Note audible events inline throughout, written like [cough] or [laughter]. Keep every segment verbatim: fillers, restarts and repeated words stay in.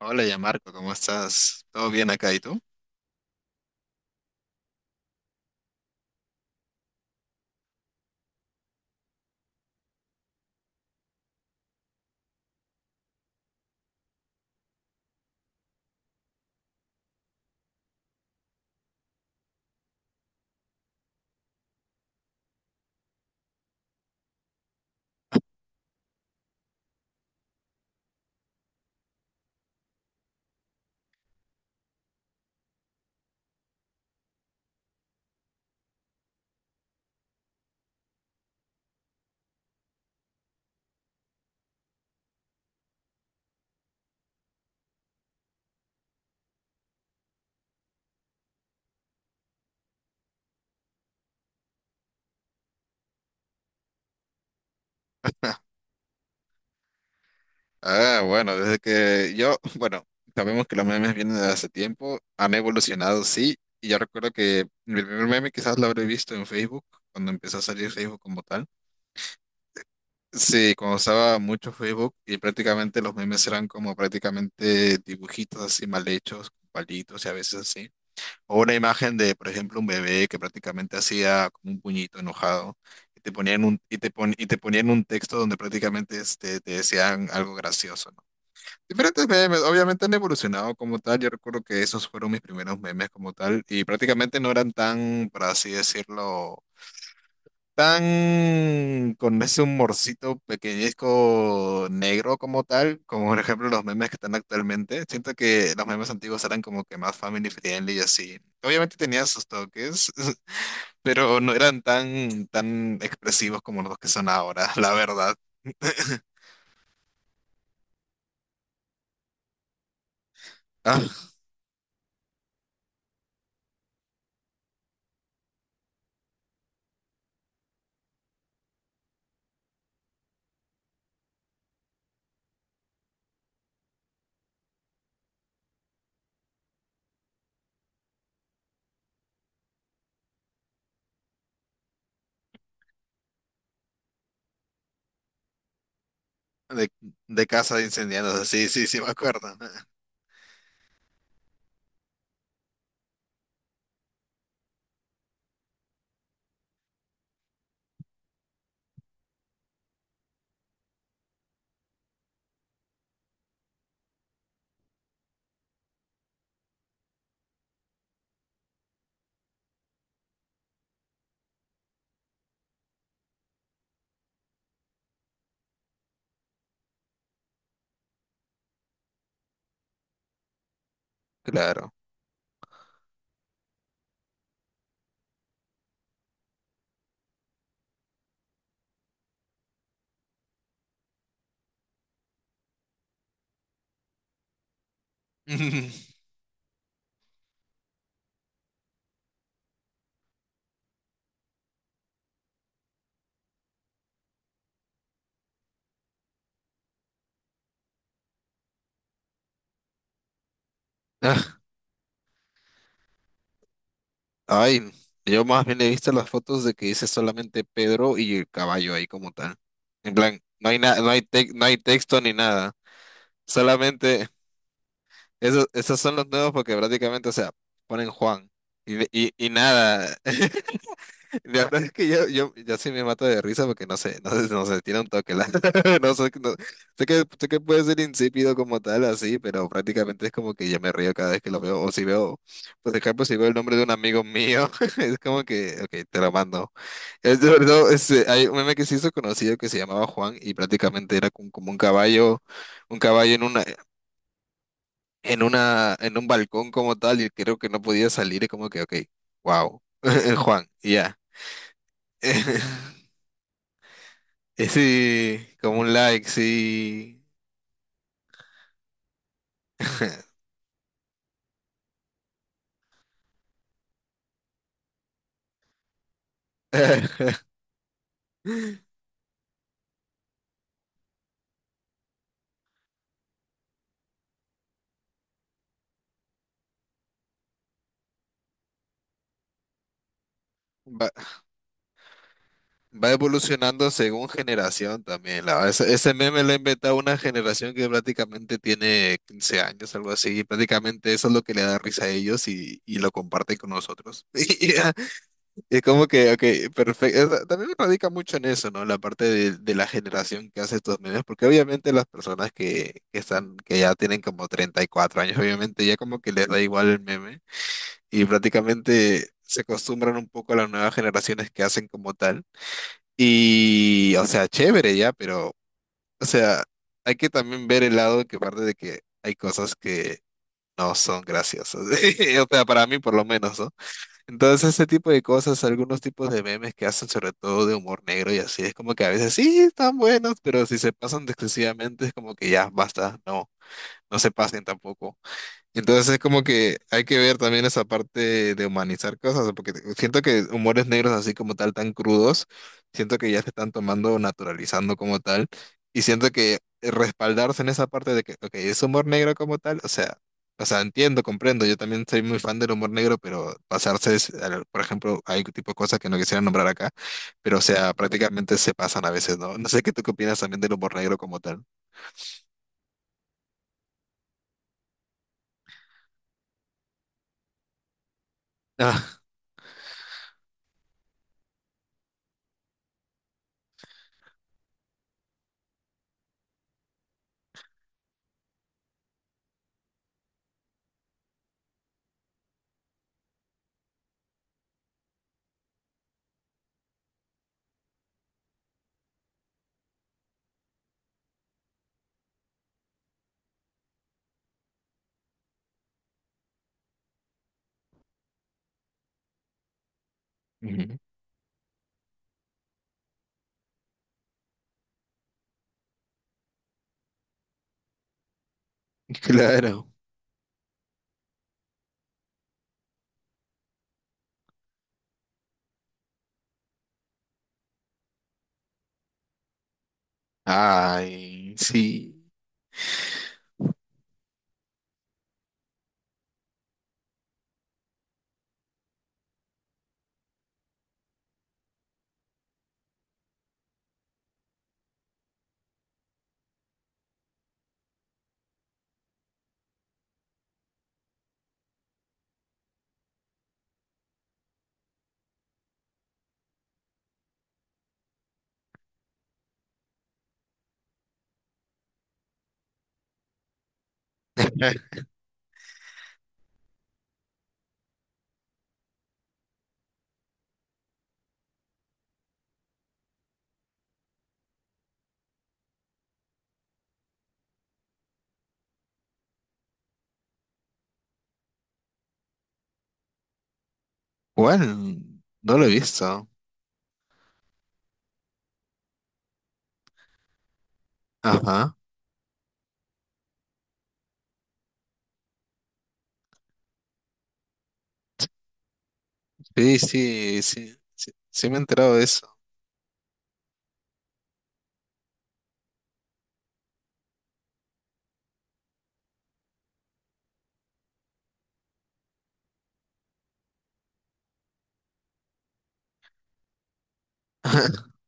Hola, ya Marco, ¿cómo estás? ¿Todo bien acá y tú? [laughs] Ah, bueno, desde que yo, [laughs] bueno, sabemos que los memes vienen de hace tiempo, han evolucionado, sí, y yo recuerdo que mi primer meme quizás lo habré visto en Facebook, cuando empezó a salir Facebook como tal. Sí, cuando usaba mucho Facebook y prácticamente los memes eran como prácticamente dibujitos así mal hechos, con palitos y a veces así. O una imagen de, por ejemplo, un bebé que prácticamente hacía como un puñito enojado y te ponían un, y te pon- y te ponían un texto donde prácticamente este, te decían algo gracioso, ¿no? Diferentes memes, obviamente han evolucionado como tal. Yo recuerdo que esos fueron mis primeros memes como tal y prácticamente no eran tan, por así decirlo, tan con ese humorcito pequeñezco negro como tal, como por ejemplo los memes que están actualmente. Siento que los memes antiguos eran como que más family friendly y así. Obviamente tenían sus toques, [laughs] pero no eran tan, tan expresivos como los que son ahora, la verdad. [laughs] Ah, de, de casa de incendiados, sí, sí, sí, me acuerdo. Claro. [laughs] Ah, ay, yo más bien he visto las fotos de que dice solamente Pedro y el caballo ahí como tal. En plan, no hay nada, no hay tec- no hay texto ni nada. Solamente esos, esos son los nuevos porque prácticamente, o sea, ponen Juan y, y, y nada. [laughs] La verdad es que yo, yo, yo sí me mato de risa porque no sé, no sé, no sé, tiene un toque. la- [laughs] No sé, no- sé que, sé que puede ser insípido como tal, así, pero prácticamente es como que yo me río cada vez que lo veo. O si veo, por ejemplo, si veo el nombre de un amigo mío, [laughs] es como que, ok, te lo mando. Es de verdad, es, eh, hay un meme que se hizo conocido que se llamaba Juan y prácticamente era como, como un caballo, un caballo en una, en una, en un balcón como tal, y creo que no podía salir, es como que, ok, wow, [laughs] Juan, y ya. [laughs] Eh, Sí, como un like, sí. [laughs] Va, va evolucionando según generación también. la- ese, ese meme lo ha inventado una generación que prácticamente tiene quince años, algo así. Y prácticamente eso es lo que le da risa a ellos y, y lo comparte con nosotros. [laughs] Y ya, es como que, ok, perfecto. También radica mucho en eso, ¿no? La parte de, de la generación que hace estos memes, porque obviamente las personas que, que están, que ya tienen como treinta y cuatro años, obviamente ya como que les da igual el meme. Y prácticamente se acostumbran un poco a las nuevas generaciones que hacen como tal. Y, o sea, chévere ya, pero, o sea, hay que también ver el lado que parte de que hay cosas que no son graciosas. [laughs] O sea, para mí por lo menos, ¿no? Entonces, ese tipo de cosas, algunos tipos de memes que hacen sobre todo de humor negro y así, es como que a veces sí están buenos, pero si se pasan de excesivamente es como que ya, basta, no, no se pasen tampoco. Entonces es como que hay que ver también esa parte de humanizar cosas, ¿no? Porque siento que humores negros así como tal, tan crudos, siento que ya se están tomando, naturalizando como tal, y siento que respaldarse en esa parte de que, ok, es humor negro como tal, o sea, o sea, entiendo, comprendo, yo también soy muy fan del humor negro, pero pasarse, es- al- por ejemplo, hay tipo de cosas que no quisiera nombrar acá, pero o sea, prácticamente se pasan a veces, ¿no? No sé qué tú qué opinas también del humor negro como tal. Ah, [laughs] ujú, claro. Ay, sí. [laughs] Bueno, no lo he visto. Ajá. Sí, sí, sí, sí, sí me he enterado de eso. [laughs]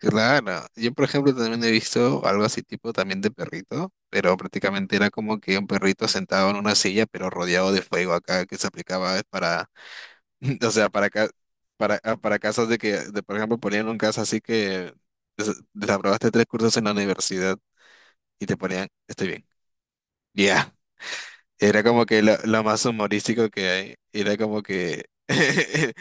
Claro, yo por ejemplo también he visto algo así tipo también de perrito, pero prácticamente era como que un perrito sentado en una silla pero rodeado de fuego acá que se aplicaba para, [laughs] o sea, para ca- para, ah, para casos de que, de, por ejemplo, ponían un caso así que des- desaprobaste tres cursos en la universidad y te ponían, estoy bien. Ya. Era como que lo, lo más humorístico que hay. Era como que. [laughs]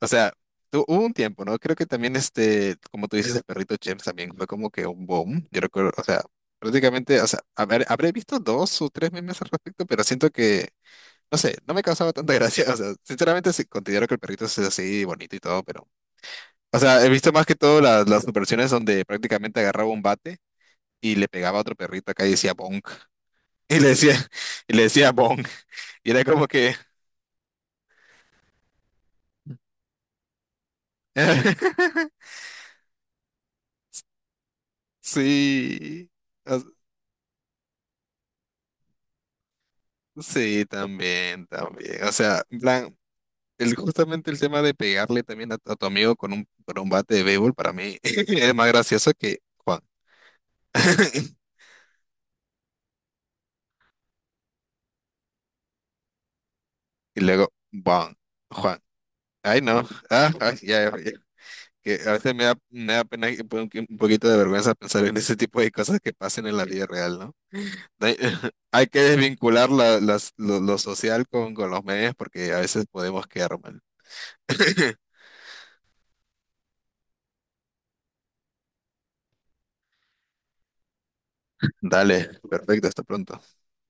O sea, tu- hubo un tiempo, ¿no? Creo que también, este, como tú dices, el perrito James también fue como que un boom. Yo recuerdo, o sea, prácticamente, o sea, haber- habré visto dos o tres memes al respecto, pero siento que, no sé, no me causaba tanta gracia. [laughs] O sea, sinceramente sí, considero que el perrito es así bonito y todo, pero. O sea, he visto más que todo las, las versiones donde prácticamente agarraba un bate y le pegaba a otro perrito acá y decía bonk. [laughs] Y le decía, y le decía bonk. Y era como que. [laughs] Sí, o- sí, también, también. O sea, en plan, el, justamente el tema de pegarle también a, a tu amigo con un, con un bate de béisbol para mí [laughs] es más gracioso que Juan. [laughs] Y luego, Juan, Juan. Ay, no. Ah, ay, ya, ya, que a veces me da, me da pena y un, po- un poquito de vergüenza pensar en ese tipo de cosas que pasan en la vida real, ¿no? Hay, [laughs] hay que desvincular la- las, lo, lo social con, con los medios porque a veces podemos quedar mal. [laughs] Dale, perfecto, hasta pronto.